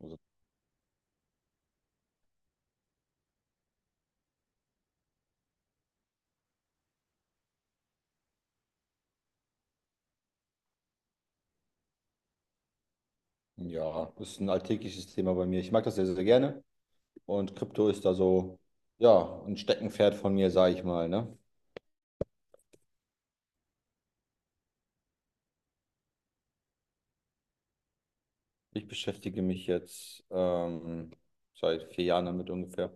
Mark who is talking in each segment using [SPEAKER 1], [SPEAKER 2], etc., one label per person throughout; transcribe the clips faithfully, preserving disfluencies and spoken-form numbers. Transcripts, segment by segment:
[SPEAKER 1] Also, ja, ist ein alltägliches Thema bei mir. Ich mag das sehr, sehr gerne. Und Krypto ist da so, ja, ein Steckenpferd von mir, sage ich mal, ne? Ich beschäftige mich jetzt ähm, seit vier Jahren damit ungefähr.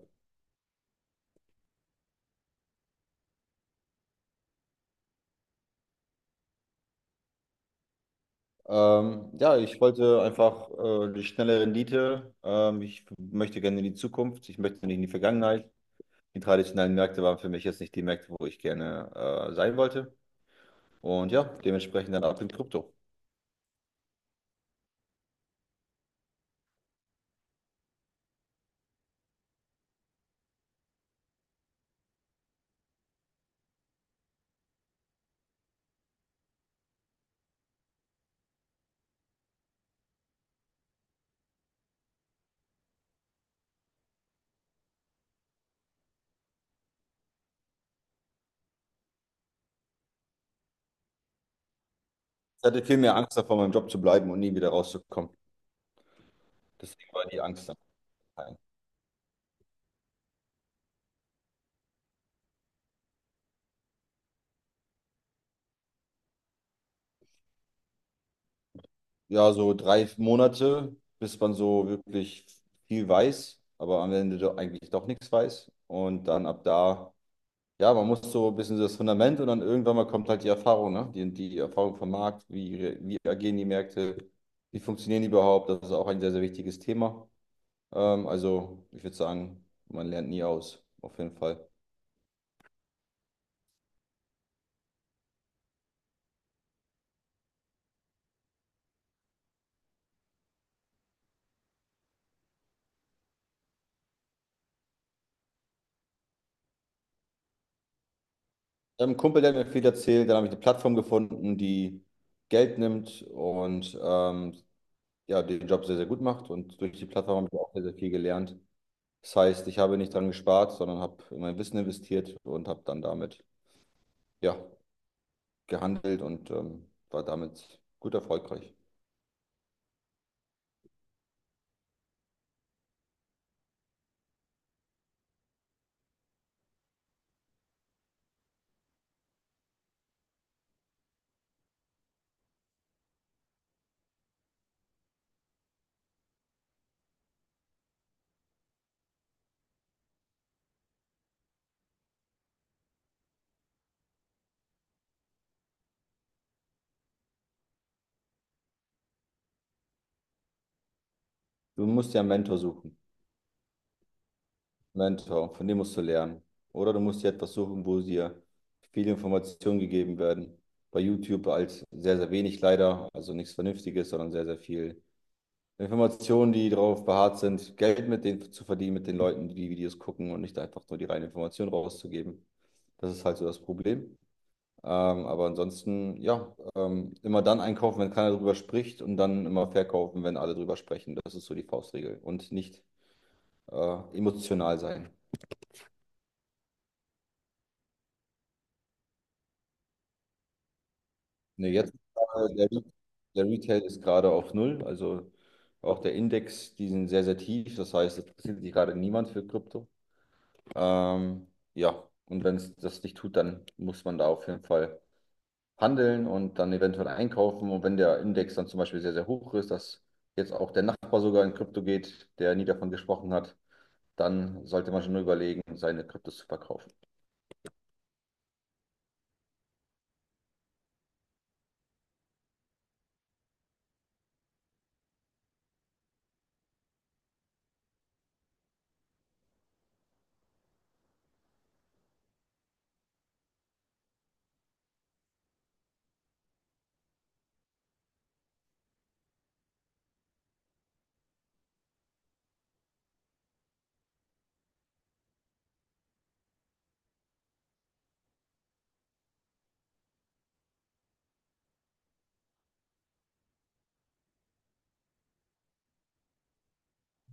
[SPEAKER 1] Ähm, ja, ich wollte einfach äh, die schnelle Rendite. Ähm, ich möchte gerne in die Zukunft. Ich möchte nicht in die Vergangenheit. Die traditionellen Märkte waren für mich jetzt nicht die Märkte, wo ich gerne äh, sein wollte. Und ja, dementsprechend dann ab in Krypto. Ich hatte viel mehr Angst davor, meinem Job zu bleiben und nie wieder rauszukommen. Deswegen war die Angst dann klein. Ja, so drei Monate, bis man so wirklich viel weiß, aber am Ende doch eigentlich doch nichts weiß. Und dann ab da, ja, man muss so ein bisschen so das Fundament, und dann irgendwann mal kommt halt die Erfahrung, ne? Die, die Erfahrung vom Markt, wie, re- wie agieren die Märkte, wie funktionieren die überhaupt? Das ist auch ein sehr, sehr wichtiges Thema. Ähm, also, ich würde sagen, man lernt nie aus, auf jeden Fall. Ich habe einen Kumpel, der hat mir viel erzählt, dann habe ich eine Plattform gefunden, die Geld nimmt und ähm, ja, den Job sehr, sehr gut macht, und durch die Plattform habe ich auch sehr, sehr viel gelernt. Das heißt, ich habe nicht dran gespart, sondern habe in mein Wissen investiert und habe dann damit, ja, gehandelt und ähm, war damit gut erfolgreich. Du musst dir einen Mentor suchen. Mentor, von dem musst du lernen. Oder du musst dir etwas suchen, wo dir viele Informationen gegeben werden. Bei YouTube als sehr, sehr wenig leider, also nichts Vernünftiges, sondern sehr, sehr viel Informationen, die darauf beharrt sind, Geld mit denen zu verdienen, mit den Leuten, die die Videos gucken, und nicht einfach nur die reine Information rauszugeben. Das ist halt so das Problem. Ähm, aber ansonsten, ja, ähm, immer dann einkaufen, wenn keiner drüber spricht, und dann immer verkaufen, wenn alle drüber sprechen. Das ist so die Faustregel, und nicht äh, emotional sein. Ne, jetzt äh, der, Re- der Retail ist gerade auf Null, also auch der Index, die sind sehr, sehr tief. Das heißt, es interessiert sich gerade niemand für Krypto. Ähm, ja, und wenn es das nicht tut, dann muss man da auf jeden Fall handeln und dann eventuell einkaufen. Und wenn der Index dann zum Beispiel sehr, sehr hoch ist, dass jetzt auch der Nachbar sogar in Krypto geht, der nie davon gesprochen hat, dann sollte man schon überlegen, seine Kryptos zu verkaufen.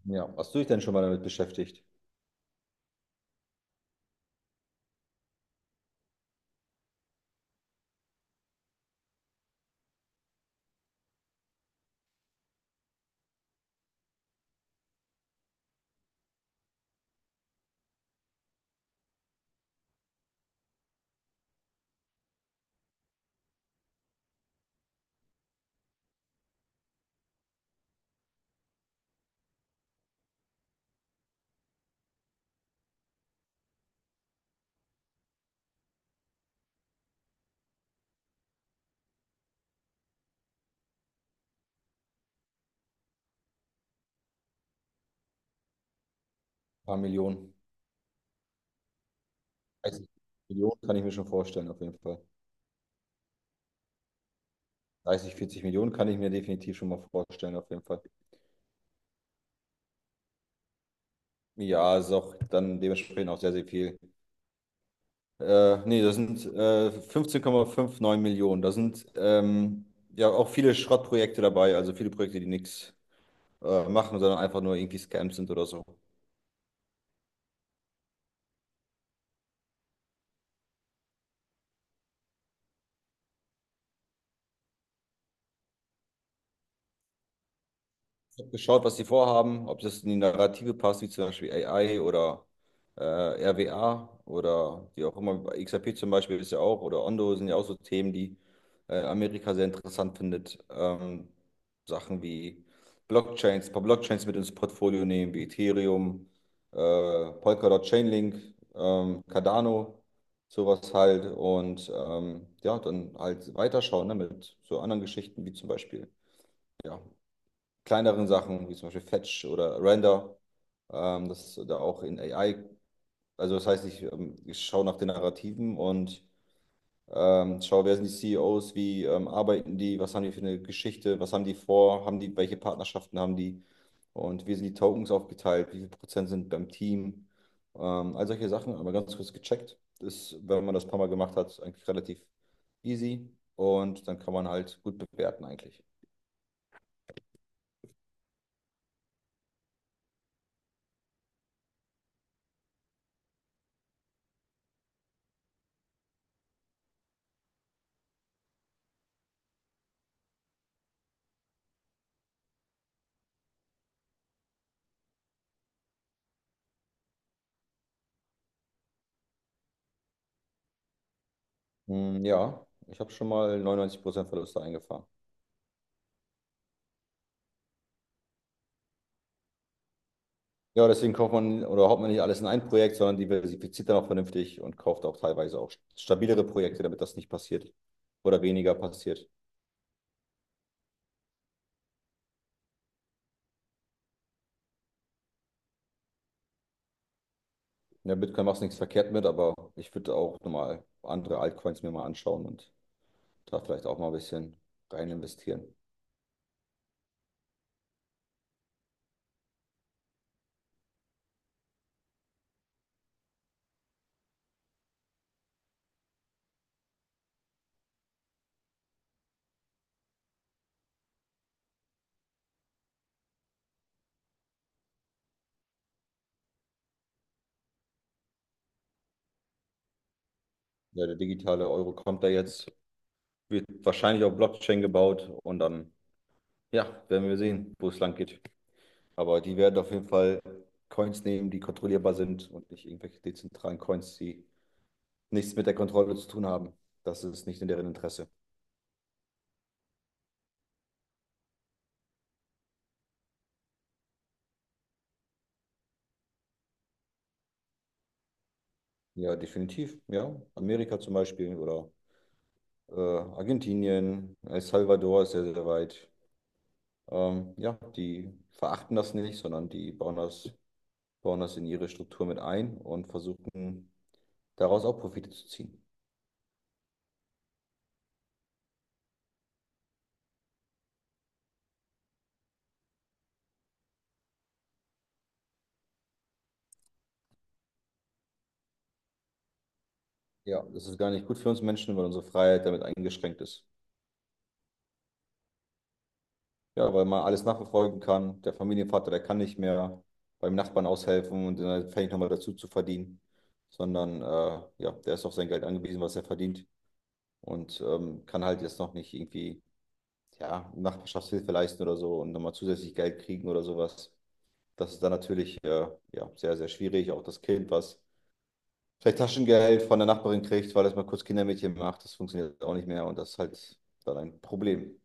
[SPEAKER 1] Ja, hast du dich denn schon mal damit beschäftigt? Ein paar Millionen. dreißig Millionen kann ich mir schon vorstellen, auf jeden Fall. dreißig, vierzig Millionen kann ich mir definitiv schon mal vorstellen, auf jeden Fall. Ja, es ist auch dann dementsprechend auch sehr, sehr viel. Äh, nee, das sind äh, fünfzehn Komma fünfundfünfzig Millionen. Da sind ähm, ja auch viele Schrottprojekte dabei, also viele Projekte, die nichts äh, machen, sondern einfach nur irgendwie Scams sind oder so. Habe geschaut, was sie vorhaben, ob das in die Narrative passt, wie zum Beispiel A I oder äh, R W A oder die auch immer. X R P zum Beispiel ist ja auch, oder Ondo, sind ja auch so Themen, die äh, Amerika sehr interessant findet. Ähm, Sachen wie Blockchains, ein paar Blockchains mit ins Portfolio nehmen, wie Ethereum, äh, Polkadot, Chainlink, ähm, Cardano, sowas halt. Und ähm, ja, dann halt weiterschauen, ne, mit so anderen Geschichten wie zum Beispiel, ja, kleineren Sachen, wie zum Beispiel Fetch oder Render, ähm, das ist da auch in A I, also das heißt, ich, ähm, ich schaue nach den Narrativen und ähm, schaue, wer sind die C E Os, wie ähm, arbeiten die, was haben die für eine Geschichte, was haben die vor, haben die, welche Partnerschaften haben die, und wie sind die Tokens aufgeteilt, wie viel Prozent sind beim Team, ähm, all solche Sachen, aber ganz kurz gecheckt. Ist, wenn man das ein paar Mal gemacht hat, eigentlich relativ easy, und dann kann man halt gut bewerten eigentlich. Hm, ja, ich habe schon mal neunundneunzig Prozent Verluste eingefahren. Ja, deswegen kauft man oder haut man nicht alles in ein Projekt, sondern diversifiziert dann auch vernünftig und kauft auch teilweise auch stabilere Projekte, damit das nicht passiert oder weniger passiert. Ja, Bitcoin machst nichts verkehrt mit, aber ich würde auch nochmal andere Altcoins mir mal anschauen und da vielleicht auch mal ein bisschen rein investieren. Ja, der digitale Euro kommt da jetzt, wird wahrscheinlich auf Blockchain gebaut, und dann, ja, werden wir sehen, wo es lang geht. Aber die werden auf jeden Fall Coins nehmen, die kontrollierbar sind, und nicht irgendwelche dezentralen Coins, die nichts mit der Kontrolle zu tun haben. Das ist nicht in deren Interesse. Ja, definitiv. Ja, Amerika zum Beispiel oder äh, Argentinien, El Salvador ist sehr, sehr weit. Ähm, ja, die verachten das nicht, sondern die bauen das, bauen das in ihre Struktur mit ein und versuchen, daraus auch Profite zu ziehen. Ja, das ist gar nicht gut für uns Menschen, weil unsere Freiheit damit eingeschränkt ist. Ja, weil man alles nachverfolgen kann. Der Familienvater, der kann nicht mehr beim Nachbarn aushelfen und dann fängt nochmal dazu zu verdienen, sondern äh, ja, der ist auf sein Geld angewiesen, was er verdient, und ähm, kann halt jetzt noch nicht irgendwie, ja, Nachbarschaftshilfe leisten oder so und nochmal zusätzlich Geld kriegen oder sowas. Das ist dann natürlich äh, ja, sehr, sehr schwierig. Auch das Kind, was vielleicht Taschengeld von der Nachbarin kriegt, weil es mal kurz Kindermädchen macht, das funktioniert auch nicht mehr, und das ist halt dann ein Problem.